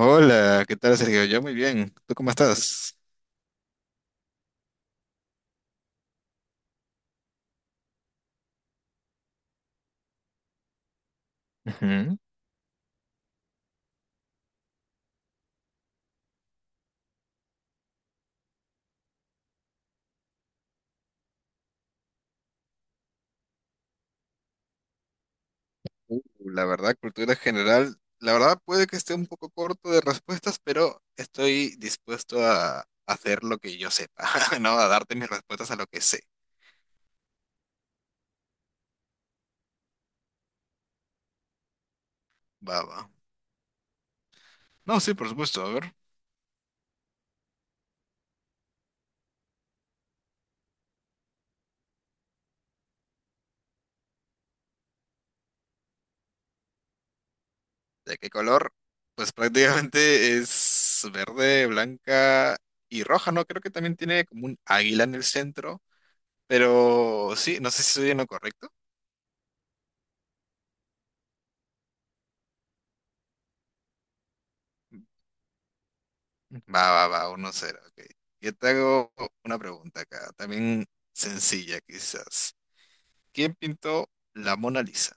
Hola, ¿qué tal, Sergio? Yo muy bien. ¿Tú cómo estás? Ujú. Uh, la verdad, cultura general, la verdad puede que esté un poco corto de respuestas, pero estoy dispuesto a hacer lo que yo sepa, ¿no? A darte mis respuestas a lo que sé. Va. No, sí, por supuesto. A ver, ¿de qué color? Pues prácticamente es verde, blanca y roja, ¿no? Creo que también tiene como un águila en el centro, pero sí, no sé si estoy en lo correcto. Va, Uno 0, ok. Yo te hago una pregunta acá, también sencilla quizás. ¿Quién pintó la Mona Lisa?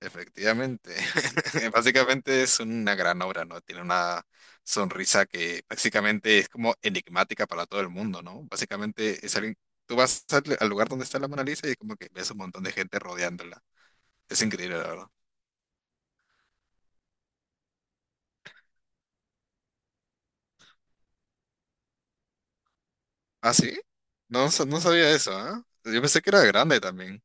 Efectivamente, básicamente es una gran obra, ¿no? Tiene una sonrisa que básicamente es como enigmática para todo el mundo, ¿no? Básicamente es alguien, tú vas al lugar donde está la Mona Lisa y como que ves un montón de gente rodeándola. Es increíble, la verdad. ¿Ah, sí? No, no sabía eso, ¿ah? Yo pensé que era grande también.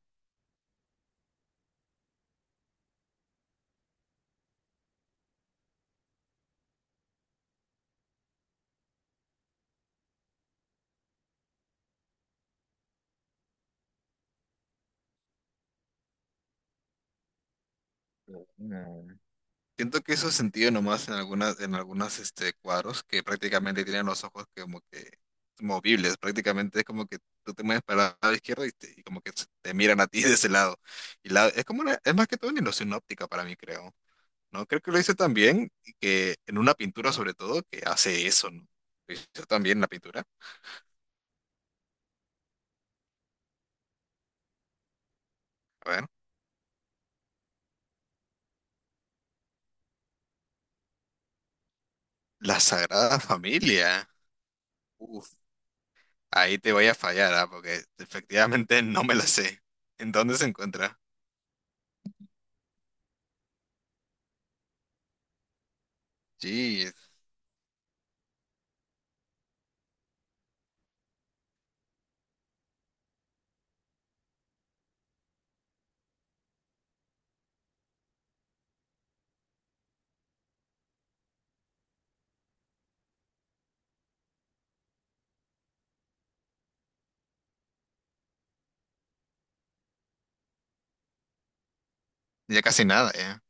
Mm. Siento que eso es sentido nomás en algunas, en algunos cuadros que prácticamente tienen los ojos que como que movibles, prácticamente es como que tú te mueves para el lado izquierdo y, y como que te miran a ti de ese lado. Y es como es más que todo una ilusión óptica para mí, creo, ¿no? Creo que lo hice también y que en una pintura sobre todo que hace eso, ¿no? Lo hizo también la pintura. A ver, la Sagrada Familia. Uf, ahí te voy a fallar, ¿ah? Porque efectivamente no me la sé. ¿En dónde se encuentra? Sí. Ya casi nada, ya.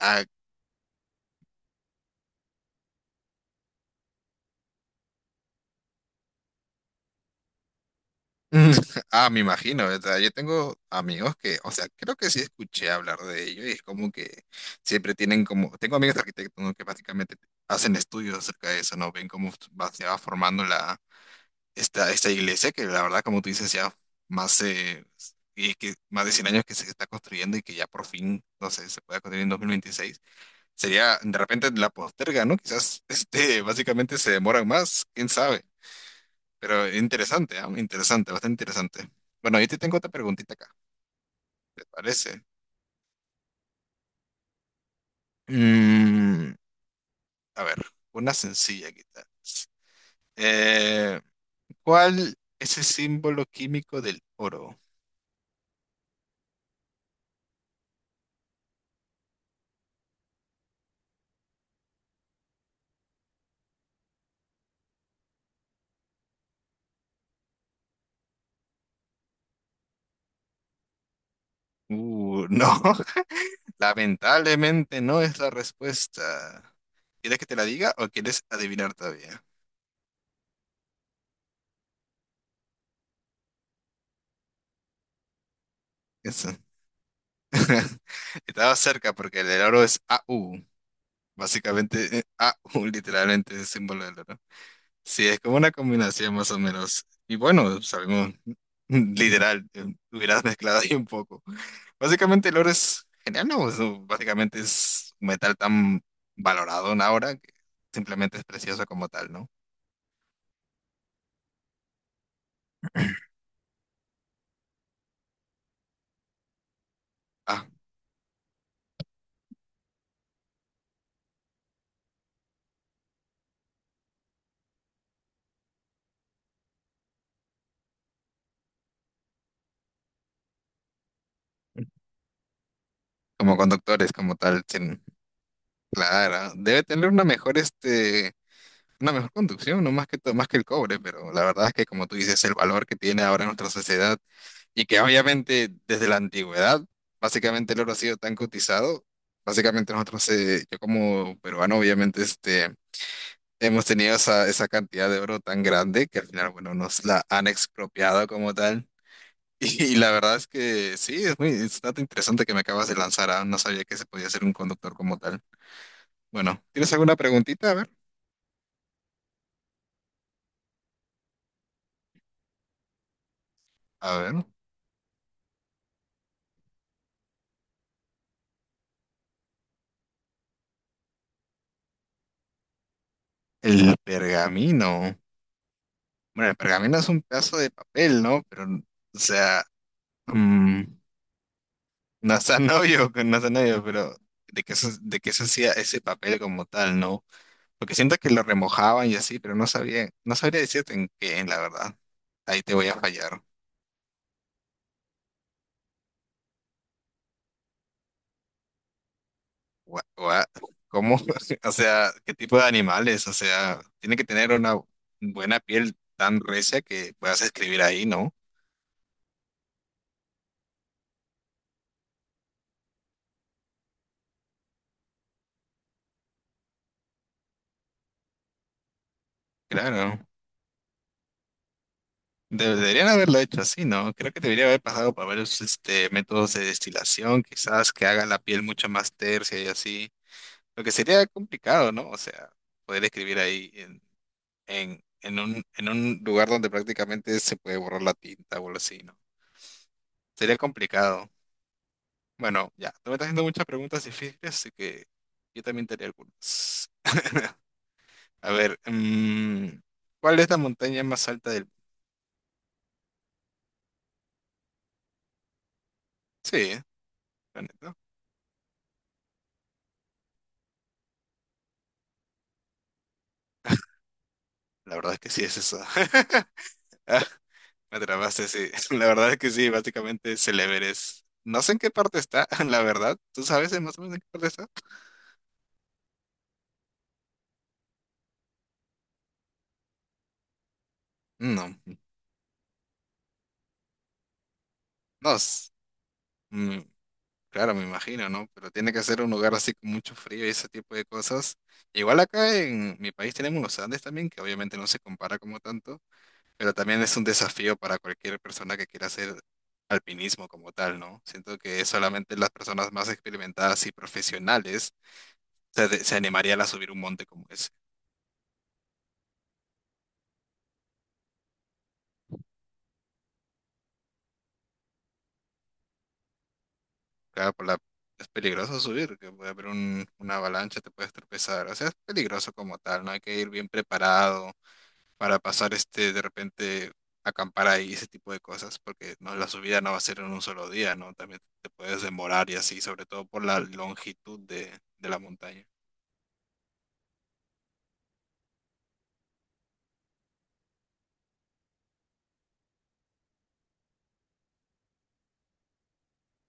Ah, ah, me imagino, o sea, yo tengo amigos que, o sea, creo que sí escuché hablar de ello y es como que siempre tienen como, tengo amigos arquitectos, ¿no?, que básicamente hacen estudios acerca de eso, ¿no? Ven cómo se va formando esta iglesia que la verdad, como tú dices, ya más, y que más de 100 años que se está construyendo y que ya por fin, no sé, se pueda construir en 2026. Sería, de repente la posterga, ¿no? Quizás, básicamente se demoran más, quién sabe. Pero interesante, ah, interesante, bastante interesante. Bueno, yo te tengo otra preguntita acá, ¿te parece? Mm, a ver, una sencilla quizás. Eh, ¿Cuál es el símbolo químico del oro? No, lamentablemente no es la respuesta. ¿Quieres que te la diga o quieres adivinar todavía? Eso. Estaba cerca porque el del oro es AU. Básicamente, AU literalmente es el símbolo del oro. Sí, es como una combinación más o menos. Y bueno, sabemos, literal, hubieras mezclado ahí un poco. Básicamente el oro es genial, ¿no? Eso básicamente es un metal tan valorado en ahora que simplemente es precioso como tal, ¿no? Ah, como conductores, como tal, claro. Debe tener una mejor una mejor conducción, no más que, más que el cobre, pero la verdad es que como tú dices, el valor que tiene ahora nuestra sociedad y que obviamente desde la antigüedad, básicamente el oro ha sido tan cotizado, básicamente nosotros, yo como peruano, obviamente hemos tenido esa cantidad de oro tan grande que al final, bueno, nos la han expropiado como tal. Y la verdad es que sí, es muy, es un dato interesante que me acabas de lanzar, ah, no sabía que se podía ser un conductor como tal. Bueno, ¿tienes alguna preguntita? A ver. A ver. El pergamino. Bueno, el pergamino es un pedazo de papel, ¿no? Pero, o sea, mm, no está novio, no está novio, pero de qué se hacía ese papel como tal, ¿no? Porque siento que lo remojaban y así, pero no sabía, no sabría decirte en qué, la verdad. Ahí te voy a fallar. Gua- gua- ¿Cómo? O sea, ¿qué tipo de animales? O sea, tiene que tener una buena piel tan recia que puedas escribir ahí, ¿no? Claro. Deberían haberlo hecho así, ¿no? Creo que debería haber pasado por varios métodos de destilación, quizás que haga la piel mucho más tersa y así. Lo que sería complicado, ¿no? O sea, poder escribir ahí en, en un lugar donde prácticamente se puede borrar la tinta o algo así, ¿no? Sería complicado. Bueno, ya, tú me estás haciendo muchas preguntas difíciles, así que yo también te haré algunas. A ver, ¿cuál es la montaña más alta del mundo? Sí, la neta. La verdad es que sí es esa. Me atrapaste, sí. La verdad es que sí, básicamente es el Everest. No sé en qué parte está, la verdad. ¿Tú sabes más o menos en qué parte está? No, no. mm, claro, me imagino, ¿no? Pero tiene que ser un lugar así con mucho frío y ese tipo de cosas. Igual acá en mi país tenemos los Andes también, que obviamente no se compara como tanto, pero también es un desafío para cualquier persona que quiera hacer alpinismo como tal, ¿no? Siento que solamente las personas más experimentadas y profesionales se animarían a subir un monte como ese. Claro, es peligroso subir, que puede haber una avalancha, te puedes tropezar. O sea, es peligroso como tal, ¿no? Hay que ir bien preparado para pasar de repente, acampar ahí, ese tipo de cosas, porque no, la subida no va a ser en un solo día, ¿no? También te puedes demorar y así, sobre todo por la longitud de la montaña.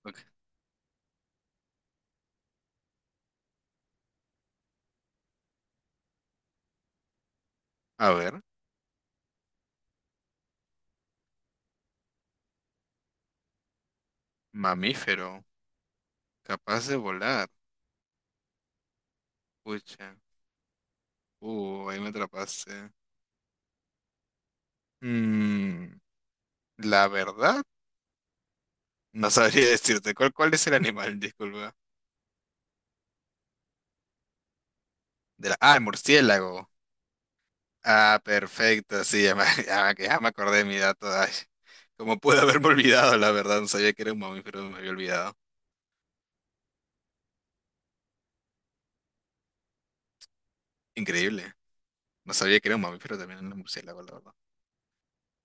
Ok. A ver, mamífero, capaz de volar. Pucha, ahí me atrapaste. Mm, la verdad, no sabría decirte. Cuál es el animal? Disculpa. Ah, murciélago. Ah, perfecto, sí, ya me acordé de mi dato. Ay, cómo pude haberme olvidado, la verdad. No sabía que era un mamífero, me había olvidado. Increíble. No sabía que era un mamífero también un murciélago, la verdad.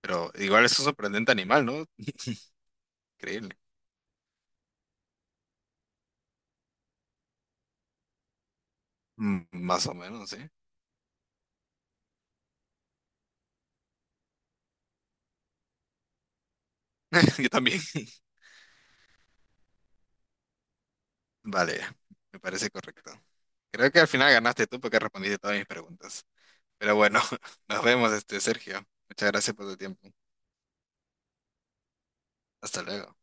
Pero igual es un sorprendente animal, ¿no? Increíble. Más o menos, sí. Yo también. Vale, me parece correcto. Creo que al final ganaste tú porque respondiste todas mis preguntas. Pero bueno, nos vemos, este, Sergio. Muchas gracias por tu tiempo. Hasta luego.